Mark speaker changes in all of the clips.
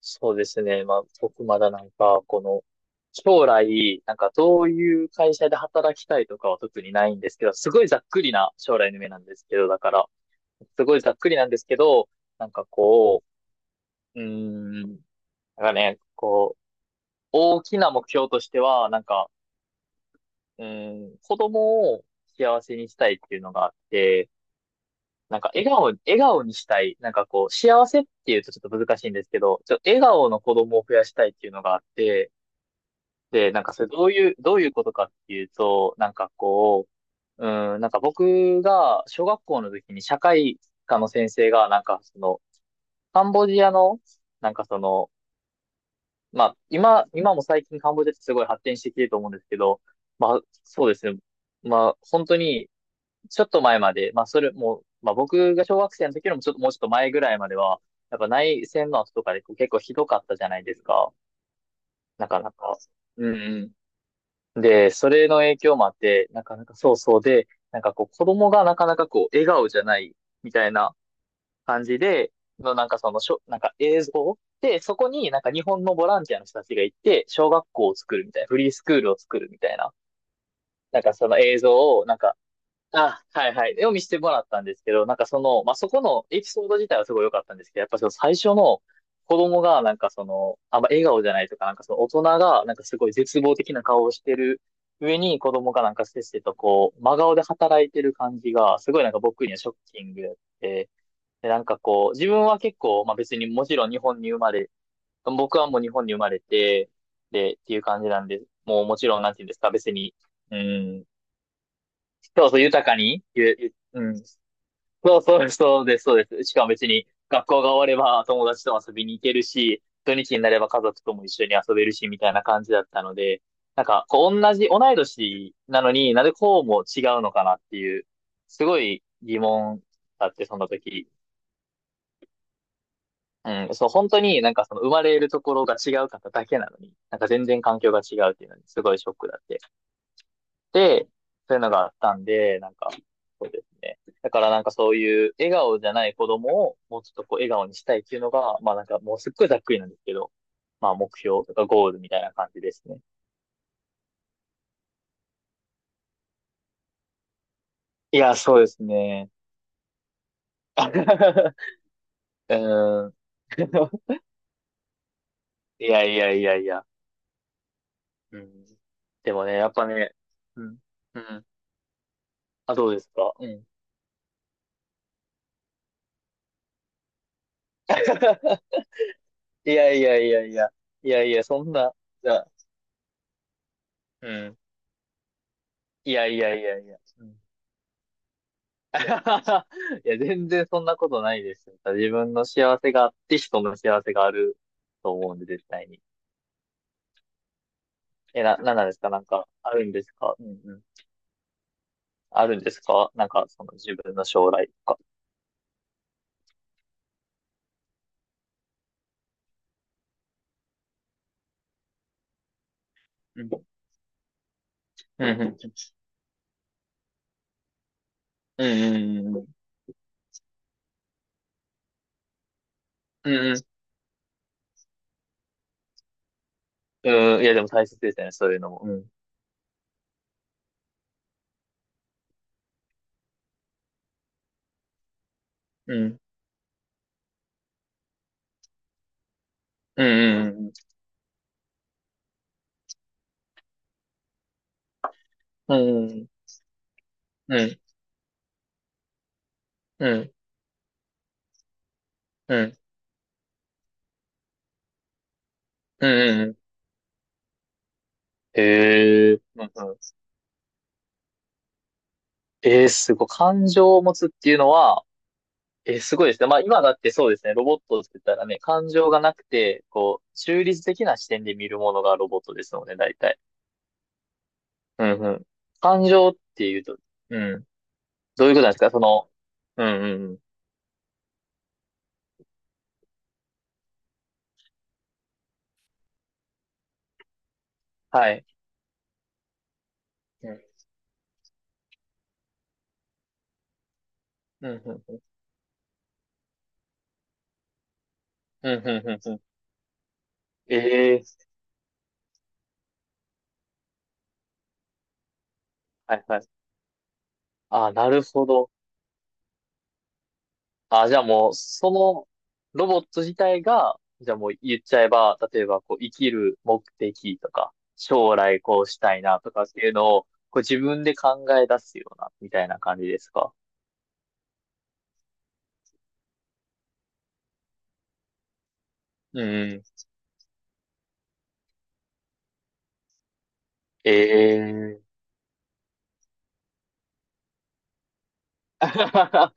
Speaker 1: そうですね。まあ、僕まだ将来、なんかどういう会社で働きたいとかは特にないんですけど、すごいざっくりな将来の夢なんですけど、だから、すごいざっくりなんですけど、なんかこう、うーん、なんかね、こう、大きな目標としては、子供を幸せにしたいっていうのがあって、なんか笑顔にしたい。なんかこう、幸せっていうとちょっと難しいんですけど、笑顔の子供を増やしたいっていうのがあって、で、なんかそれどういうことかっていうと、なんか僕が小学校の時に社会科の先生が、なんかその、カンボジアの、なんかその、まあ、今も最近カンボジアってすごい発展してきてると思うんですけど、まあ、そうですね。まあ、本当に、ちょっと前まで、まあ、それも、まあ、僕が小学生の時よりもちょっと、もうちょっと前ぐらいまでは、やっぱ内戦の後とかでこう結構ひどかったじゃないですか。なかなか。うんうん。で、それの影響もあって、なかなかそうそうで、なんかこう、子供がなかなかこう、笑顔じゃないみたいな感じで、のなんかそのしょ、なんか映像で、そこになんか日本のボランティアの人たちが行って、小学校を作るみたいな、フリースクールを作るみたいな、なんかその映像をなんか、あ、はいはい。を見せてもらったんですけど、なんかその、まあ、そこのエピソード自体はすごい良かったんですけど、やっぱその最初の子供がなんかその、あんま笑顔じゃないとか、なんかその大人がなんかすごい絶望的な顔をしてる上に子供がなんかせっせとこう、真顔で働いてる感じが、すごいなんか僕にはショッキングやって、で、なんかこう、自分は結構、まあ、別にもちろん日本に生まれ、僕はもう日本に生まれて、で、っていう感じなんで、もうもちろんなんていうんですか、別に、うん、そうそう豊かに、ゆ、ゆうん、そうそう、そうです。しかも別に学校が終われば友達と遊びに行けるし、土日になれば家族とも一緒に遊べるし、みたいな感じだったので、なんか、こう同い年なのになぜこうも違うのかなっていう、すごい疑問だって、その時。うん、そう、本当になんかその生まれるところが違う方だけなのに、なんか全然環境が違うっていうのにすごいショックだって。で、そういうのがあったんで、なんか、そうですね。だからなんかそういう笑顔じゃない子供をもうちょっとこう笑顔にしたいっていうのが、まあなんかもうすっごいざっくりなんですけど、まあ目標とかゴールみたいな感じですね。いや、そうですね。うーん。いやいやいやいや。うん。でもね、やっぱね、うん。うん。あ、どうですか、うん。いやいやいやいや。いやいや、そんな、じゃあ、うん。いやいやいやいや。うん。 いや、全然そんなことないですよ。自分の幸せがあって人の幸せがあると思うんで、絶対に。え、なんなんですか、なんか、あるんですか、うんうん。あるんですか、なんか、その自分の将来とか。うん。うんうん。うんうんうんうん。うんうん。うん、いや、でも大切ですね、そういうのも。うん。うん。うんうんうんうんうん、いやでも大切ですねそういうのもうんうんうん。うんうんうん。へえ。うんうん。えー、すごい。感情を持つっていうのは、え、すごいですね。まあ今だってそうですね。ロボットって言ったらね、感情がなくて、こう、中立的な視点で見るものがロボットですので、大体。うんうん。感情っていうと、うん。どういうことなんですか、その、うんうんうん。はい。うんうんうんうん。うんうんうんうん。ええ、はいはい。あ、なるほど。あ、じゃあもう、そのロボット自体が、じゃあもう言っちゃえば、例えばこう生きる目的とか、将来こうしたいなとかっていうのを、こう自分で考え出すような、みたいな感じですか、うん。ええー。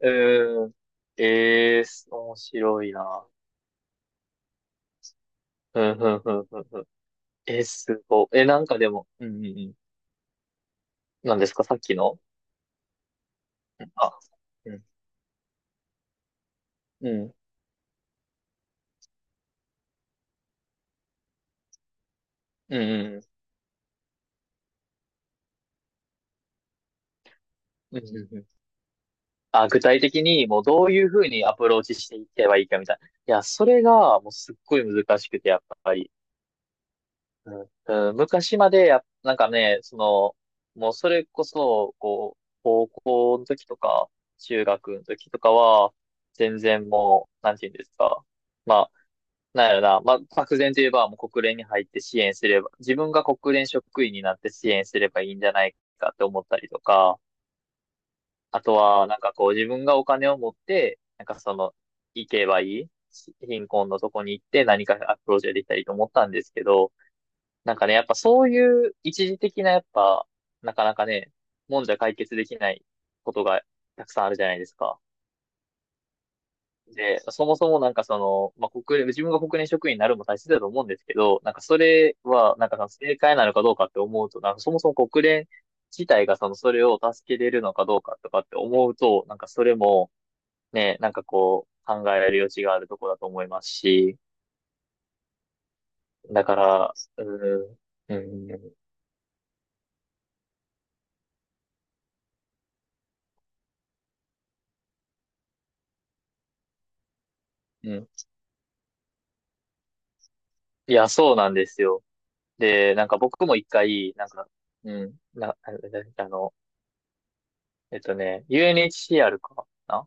Speaker 1: うん。ええー、面白いな。うん、うん、うん、うん。うん、えー、すごい。え、なんかでも、うん、うん、うん。なんですか、さっきの、あ、うん、うん、うん、うん。うんうんうん、あ、具体的にもうどういうふうにアプローチしていけばいいかみたいな。いや、それがもうすっごい難しくて、やっぱり。うんうん、昔までや、なんかね、その、もうそれこそ、こう、高校の時とか、中学の時とかは、全然もう、なんて言うんですか。まあ、なんやろな、まあ、漠然といえば、もう国連に入って支援すれば、自分が国連職員になって支援すればいいんじゃないかって思ったりとか、あとは、なんかこう自分がお金を持って、なんかその、行けばいいし貧困のとこに行って何かアプローチができたりと思ったんですけど、なんかね、やっぱそういう一時的なやっぱ、なかなかね、もんじゃ解決できないことがたくさんあるじゃないですか。で、そもそもなんかその、まあ、自分が国連職員になるのも大切だと思うんですけど、なんかそれは、なんかその正解なのかどうかって思うと、なんかそもそも国連自体がその、それを助けれるのかどうかとかって思うと、なんかそれも、ね、なんかこう、考える余地があるとこだと思いますし、だから、うーん、うん、うん。いや、そうなんですよ。で、なんか僕も一回、なんか、うん、あ、あの、えっとね、UNHCR かな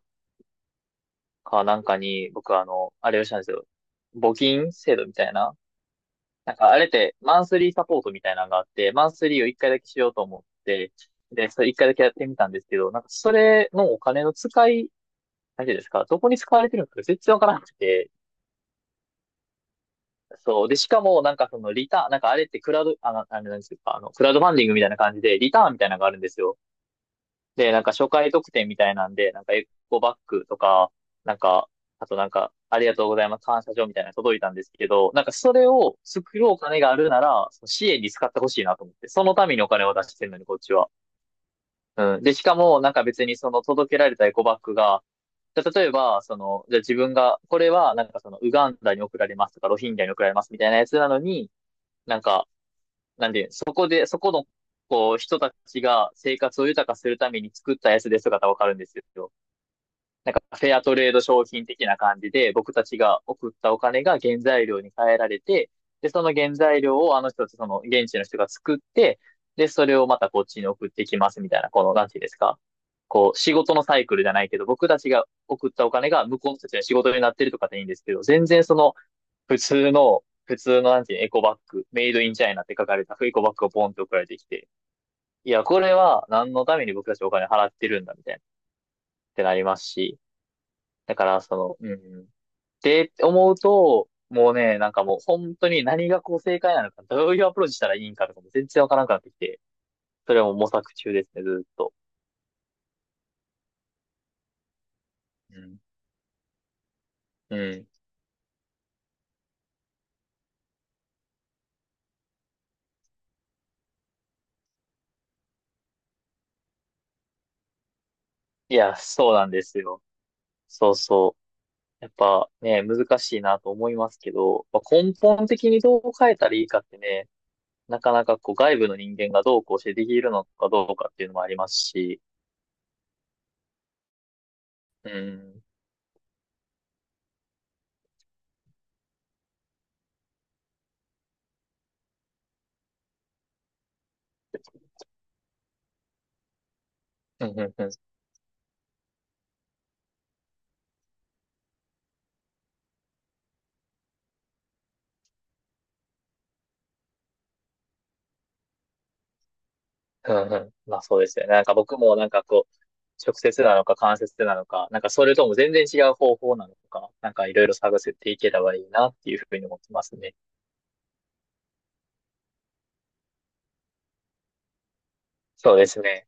Speaker 1: か、なんかに、僕あの、あれをしたんですよ。募金制度みたいな。なんかあれって、マンスリーサポートみたいなのがあって、マンスリーを一回だけしようと思って、で、それ一回だけやってみたんですけど、なんかそれのお金の使い、大丈夫ですか、どこに使われてるのか全然わからなくて。そう。で、しかも、なんかそのリターン、なんかあれってクラウド、あの、あれなんですか、あの、クラウドファンディングみたいな感じで、リターンみたいなのがあるんですよ。で、なんか初回特典みたいなんで、なんかエコバッグとか、なんか、あとなんか、ありがとうございます、感謝状みたいなの届いたんですけど、なんかそれを作ろうお金があるなら、その支援に使ってほしいなと思って、そのためにお金を出してるのに、こっちは。うん。で、しかも、なんか別にその届けられたエコバッグが、じゃあ例えば、その、じゃあ自分が、これは、なんかその、ウガンダに送られますとか、ロヒンギャに送られますみたいなやつなのに、なんか、なんで、そこの、こう、人たちが生活を豊かするために作ったやつですとかだったらわかるんですよ。なんかフェアトレード商品的な感じで、僕たちが送ったお金が原材料に変えられて、で、その原材料をあの人たち、その現地の人が作って、で、それをまたこっちに送ってきますみたいな、この、なんていうんですか。こう、仕事のサイクルじゃないけど、僕たちが送ったお金が向こうの人たちの仕事になってるとかでいいんですけど、全然その、普通のなんていうのエコバッグ、メイドインチャイナって書かれたエコバッグがポンって送られてきて、いや、これは何のために僕たちお金払ってるんだみたいな、ってなりますし、だから、その、うん。って思うと、もうね、なんかもう本当に何がこう正解なのか、どういうアプローチしたらいいんかとかも全然わからなくなってきて、それはもう模索中ですね、ずーっと。うん。うん。いや、そうなんですよ。そうそう。やっぱね、難しいなと思いますけど、まあ、根本的にどう変えたらいいかってね、なかなかこう外部の人間がどうこうしてできるのかどうかっていうのもありますし、うん。うんうんうんうんうん。まあそうですよね。なんか僕もなんかこう、直接なのか間接なのか、なんかそれとも全然違う方法なのか、なんかいろいろ探せていければいいなっていうふうに思ってますね。そうですね。